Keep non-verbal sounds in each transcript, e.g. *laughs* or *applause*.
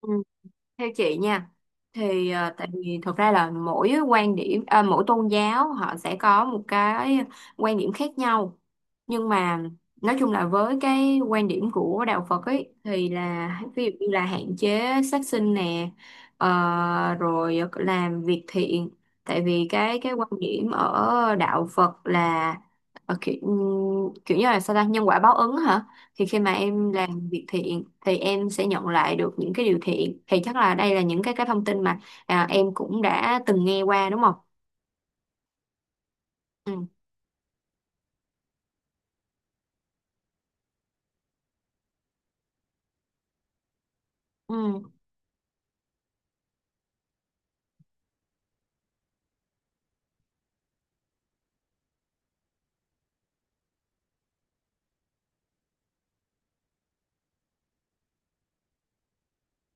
Ừ, theo chị nha thì tại vì thực ra là mỗi quan điểm mỗi tôn giáo họ sẽ có một cái quan điểm khác nhau. Nhưng mà nói chung là với cái quan điểm của đạo Phật ấy thì là ví dụ như là hạn chế sát sinh nè, rồi làm việc thiện. Tại vì cái quan điểm ở đạo Phật là ờ, kiểu, kiểu như là sao ta nhân quả báo ứng hả. Thì khi mà em làm việc thiện thì em sẽ nhận lại được những cái điều thiện. Thì chắc là đây là những cái thông tin mà em cũng đã từng nghe qua, đúng không. Ừ, ừ,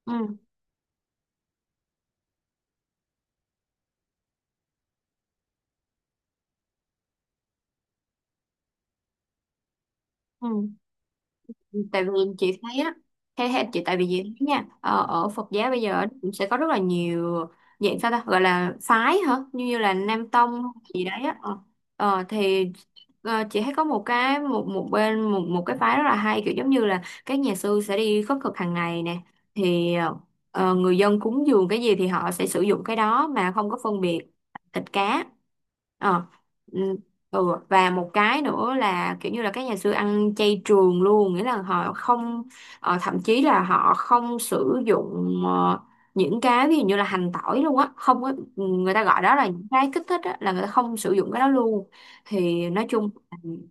ừ, ừ. Tại vì chị thấy á, theo theo chị, tại vì chị thấy nha, ở Phật giáo bây giờ cũng sẽ có rất là nhiều dạng sao ta gọi là phái hả, như như là Nam Tông gì đấy á. Ờ Ờ, thì Ờ, chị thấy có một cái một một bên một một cái phái rất là hay, kiểu giống như là các nhà sư sẽ đi khất thực hàng ngày nè. Thì người dân cúng dường cái gì thì họ sẽ sử dụng cái đó mà không có phân biệt thịt cá. Ờ, ừ, ừ. Và một cái nữa là kiểu như là các nhà sư ăn chay trường luôn, nghĩa là họ không, thậm chí là họ không sử dụng những cái ví dụ như là hành tỏi luôn á, không có, người ta gọi đó là những cái kích thích á, là người ta không sử dụng cái đó luôn. Thì nói chung,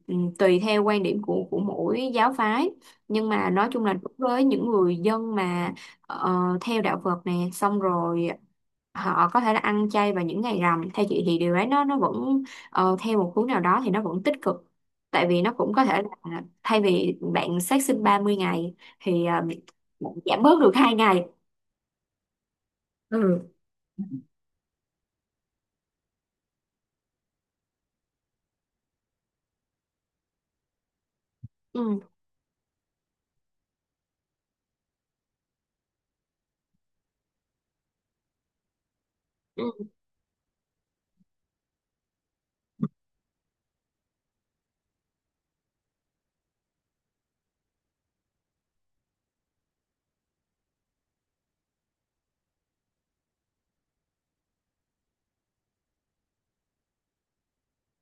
ừ, tùy theo quan điểm của mỗi giáo phái. Nhưng mà nói chung là đối với những người dân mà ờ, theo đạo Phật nè, xong rồi họ có thể là ăn chay vào những ngày rằm. Theo chị thì điều ấy nó vẫn, theo một hướng nào đó thì nó vẫn tích cực. Tại vì nó cũng có thể là thay vì bạn sát sinh 30 ngày thì bạn giảm bớt được 2 ngày. Ừ, ừ, ừ,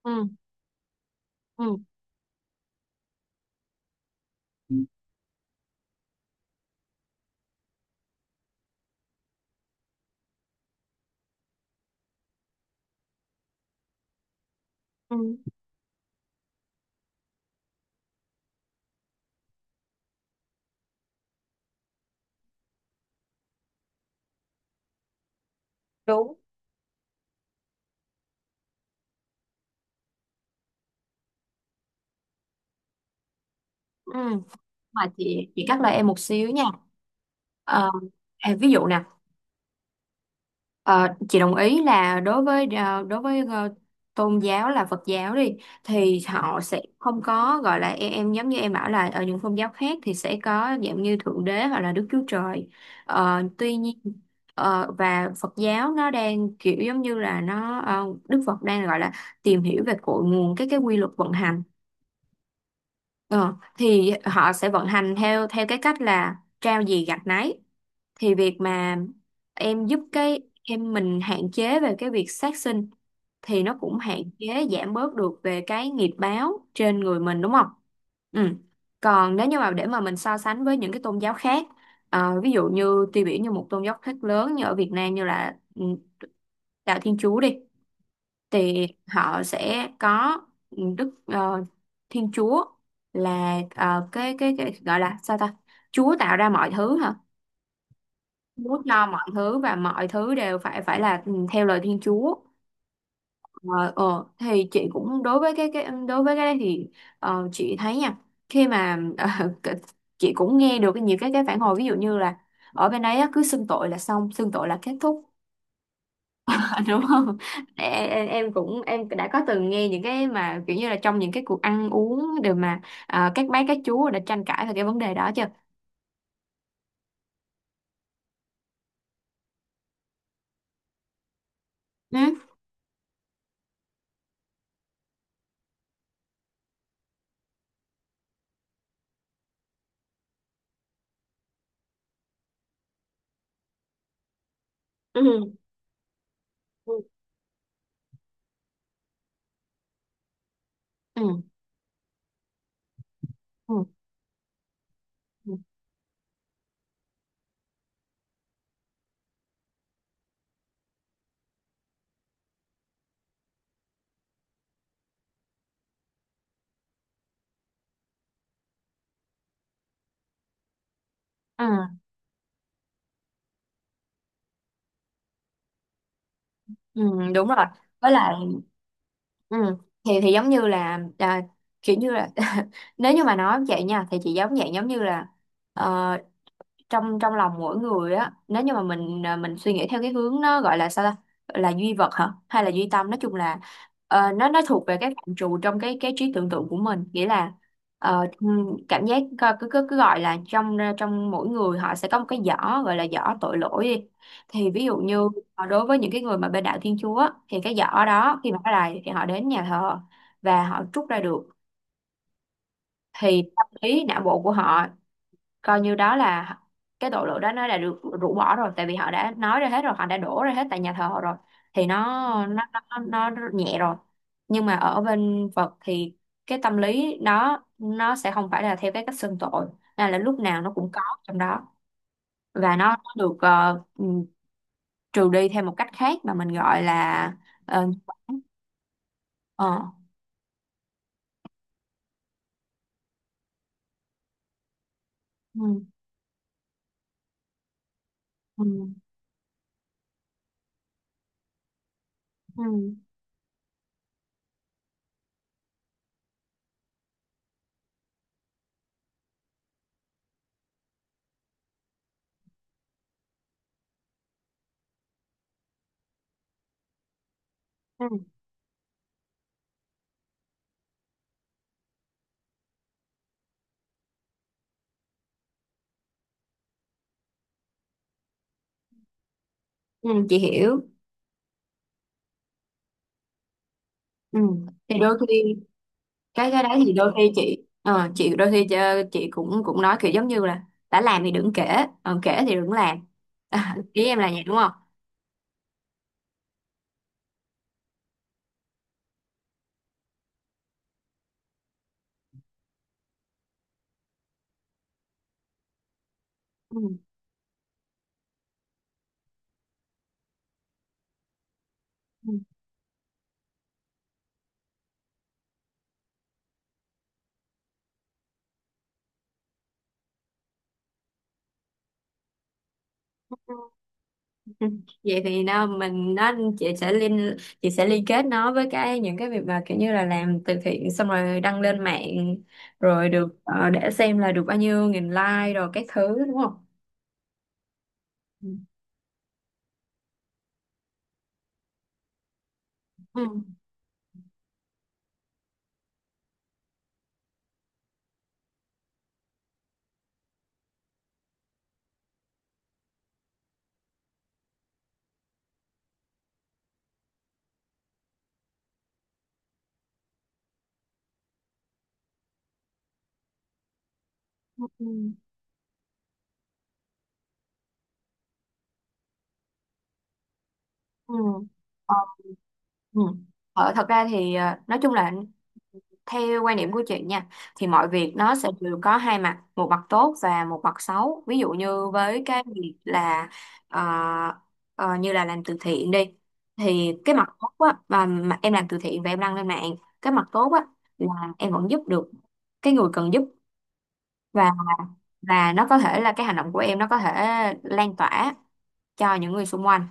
ừ, ừ, ừ, đúng, ừ, mà chị cắt lời em một xíu nha. Ờ, ví dụ nè, ờ, chị đồng ý là đối với tôn giáo là Phật giáo đi thì họ sẽ không có gọi là, em giống như em bảo là ở những tôn giáo khác thì sẽ có dạng như Thượng Đế hoặc là Đức Chúa Trời. Tuy nhiên, và Phật giáo nó đang kiểu giống như là nó, Đức Phật đang gọi là tìm hiểu về cội nguồn cái quy luật vận hành. Ờ, thì họ sẽ vận hành theo theo cái cách là trao gì gặt nấy. Thì việc mà em giúp cái em mình hạn chế về cái việc sát sinh thì nó cũng hạn chế giảm bớt được về cái nghiệp báo trên người mình, đúng không? Ừ. Còn nếu như mà để mà mình so sánh với những cái tôn giáo khác, ví dụ như tiêu biểu như một tôn giáo khác lớn như ở Việt Nam như là, đạo Thiên Chúa đi thì họ sẽ có, ừ, Đức Thiên Chúa là cái gọi là sao ta Chúa tạo ra mọi thứ hả. Chúa cho mọi thứ và mọi thứ đều phải phải là, theo lời Thiên Chúa. Ờ, thì chị cũng đối với cái đấy thì, chị thấy nha, khi mà *laughs* cái- chị cũng nghe được nhiều cái phản hồi ví dụ như là ở bên đấy á, cứ xưng tội là xong, xưng tội là kết thúc. *laughs* Đúng không. Em, em cũng em đã có từng nghe những cái mà kiểu như là trong những cái cuộc ăn uống đều mà, các bác các chú đã tranh cãi về cái vấn đề đó chưa. Ừ. Ừ. Ừ. Ừ. Ừ. Ừ. Ừ, đúng rồi, với lại, ừ, thì giống như là, kiểu như là *laughs* nếu như mà nói vậy nha thì chị giống dạng giống như là, ờ, trong trong lòng mỗi người á, nếu như mà mình, mình suy nghĩ theo cái hướng nó gọi là sao ta gọi là duy vật hả hay là duy tâm. Nói chung là, nó thuộc về cái phạm trù trong cái trí tưởng tượng của mình, nghĩa là, cảm giác coi- cứ cứ cứ gọi là trong, trong mỗi người họ sẽ có một cái giỏ gọi là giỏ tội lỗi đi. Thì ví dụ như, đối với những cái người mà bên đạo Thiên Chúa á, thì cái giỏ đó khi mà họ lại thì họ đến nhà thờ và họ trút ra được. Thì tâm lý não bộ của họ coi như đó là cái tội lỗi đó nó đã được rũ bỏ rồi, tại vì họ đã nói ra hết rồi, họ đã đổ ra hết tại nhà thờ họ rồi. Thì nó, ừ, nó, nó nhẹ rồi. Nhưng mà ở bên Phật thì cái tâm lý đó nó sẽ không phải là theo cái cách xưng tội, nên là lúc nào nó cũng có trong đó. Và nó được, trừ đi theo một cách khác mà mình gọi là, nhân quả. ờ, ừ, ừ, ừ, ừ, ừ, chị hiểu. Ừ. Thì đôi khi cái đấy thì đôi khi chị, chị đôi khi chị cũng cũng nói kiểu giống như là đã làm thì đừng kể, còn kể thì đừng làm. *laughs* Ý em là vậy đúng không. Ừ. *laughs* Ừ. Ừ. Vậy thì nó mình nó, chị sẽ liên kết nó với cái những cái việc mà kiểu như là làm từ thiện xong rồi đăng lên mạng, rồi được, để xem là được bao nhiêu nghìn like rồi các thứ, đúng không. Ừ. Ừ. Ừ. Ừ. Ừ. Ờ, Ừ. Thật ra thì, nói chung là theo quan điểm của chị nha thì mọi việc nó sẽ đều có hai mặt, một mặt tốt và một mặt xấu. Ví dụ như với cái việc là, ờ, như là làm từ thiện đi thì cái mặt tốt á, mà em làm từ thiện và em đăng lên mạng, cái mặt tốt á là em vẫn giúp được cái người cần giúp, và và nó có thể là cái hành động của em nó có thể lan tỏa cho những người xung quanh.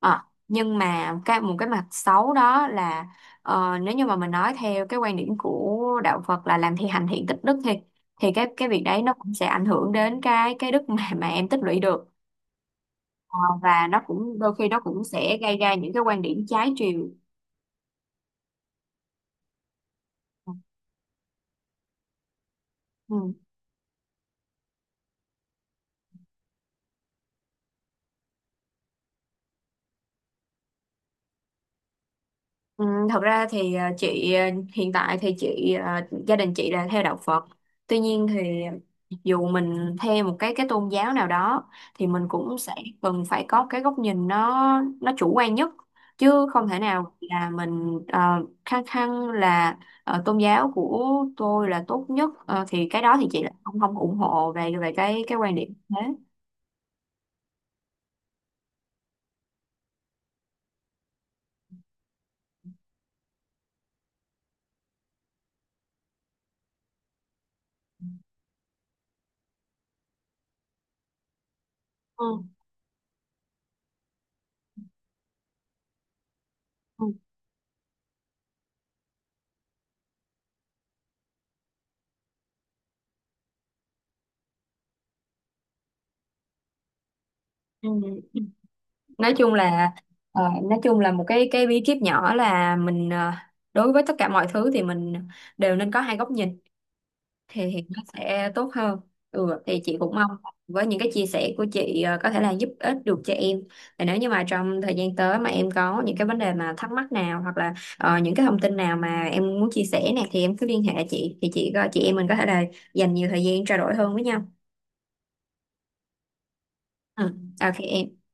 Ờ, nhưng mà cái một cái mặt xấu đó là, nếu như mà mình nói theo cái quan điểm của đạo Phật là làm thì hành thiện tích đức thì cái việc đấy nó cũng sẽ ảnh hưởng đến cái đức mà em tích lũy được. Ờ, và nó cũng đôi khi nó cũng sẽ gây ra những cái quan điểm trái chiều. Ừ. Ừ, thật ra thì, hiện tại thì gia đình chị là theo đạo Phật. Tuy nhiên thì dù mình theo một cái tôn giáo nào đó thì mình cũng sẽ cần phải có cái góc nhìn nó chủ quan nhất, chứ không thể nào là mình khăng khăng là, tôn giáo của tôi là tốt nhất. Ờ, thì cái đó thì chị lại không không ủng hộ về về cái quan điểm thế. Ừ. Ừ. Ừ. Nói chung là, nói chung là một cái bí kíp nhỏ là mình, đối với tất cả mọi thứ thì mình đều nên có hai góc nhìn, thì nó sẽ tốt hơn. Ừ, thì chị cũng mong với những cái chia sẻ của chị, có thể là giúp ích được cho em. Và nếu như mà trong thời gian tới mà em có những cái vấn đề mà thắc mắc nào, hoặc là, những cái thông tin nào mà em muốn chia sẻ nè, thì em cứ liên hệ chị, thì chị em mình có thể là dành nhiều thời gian trao đổi hơn với nhau. Ừ. OK em.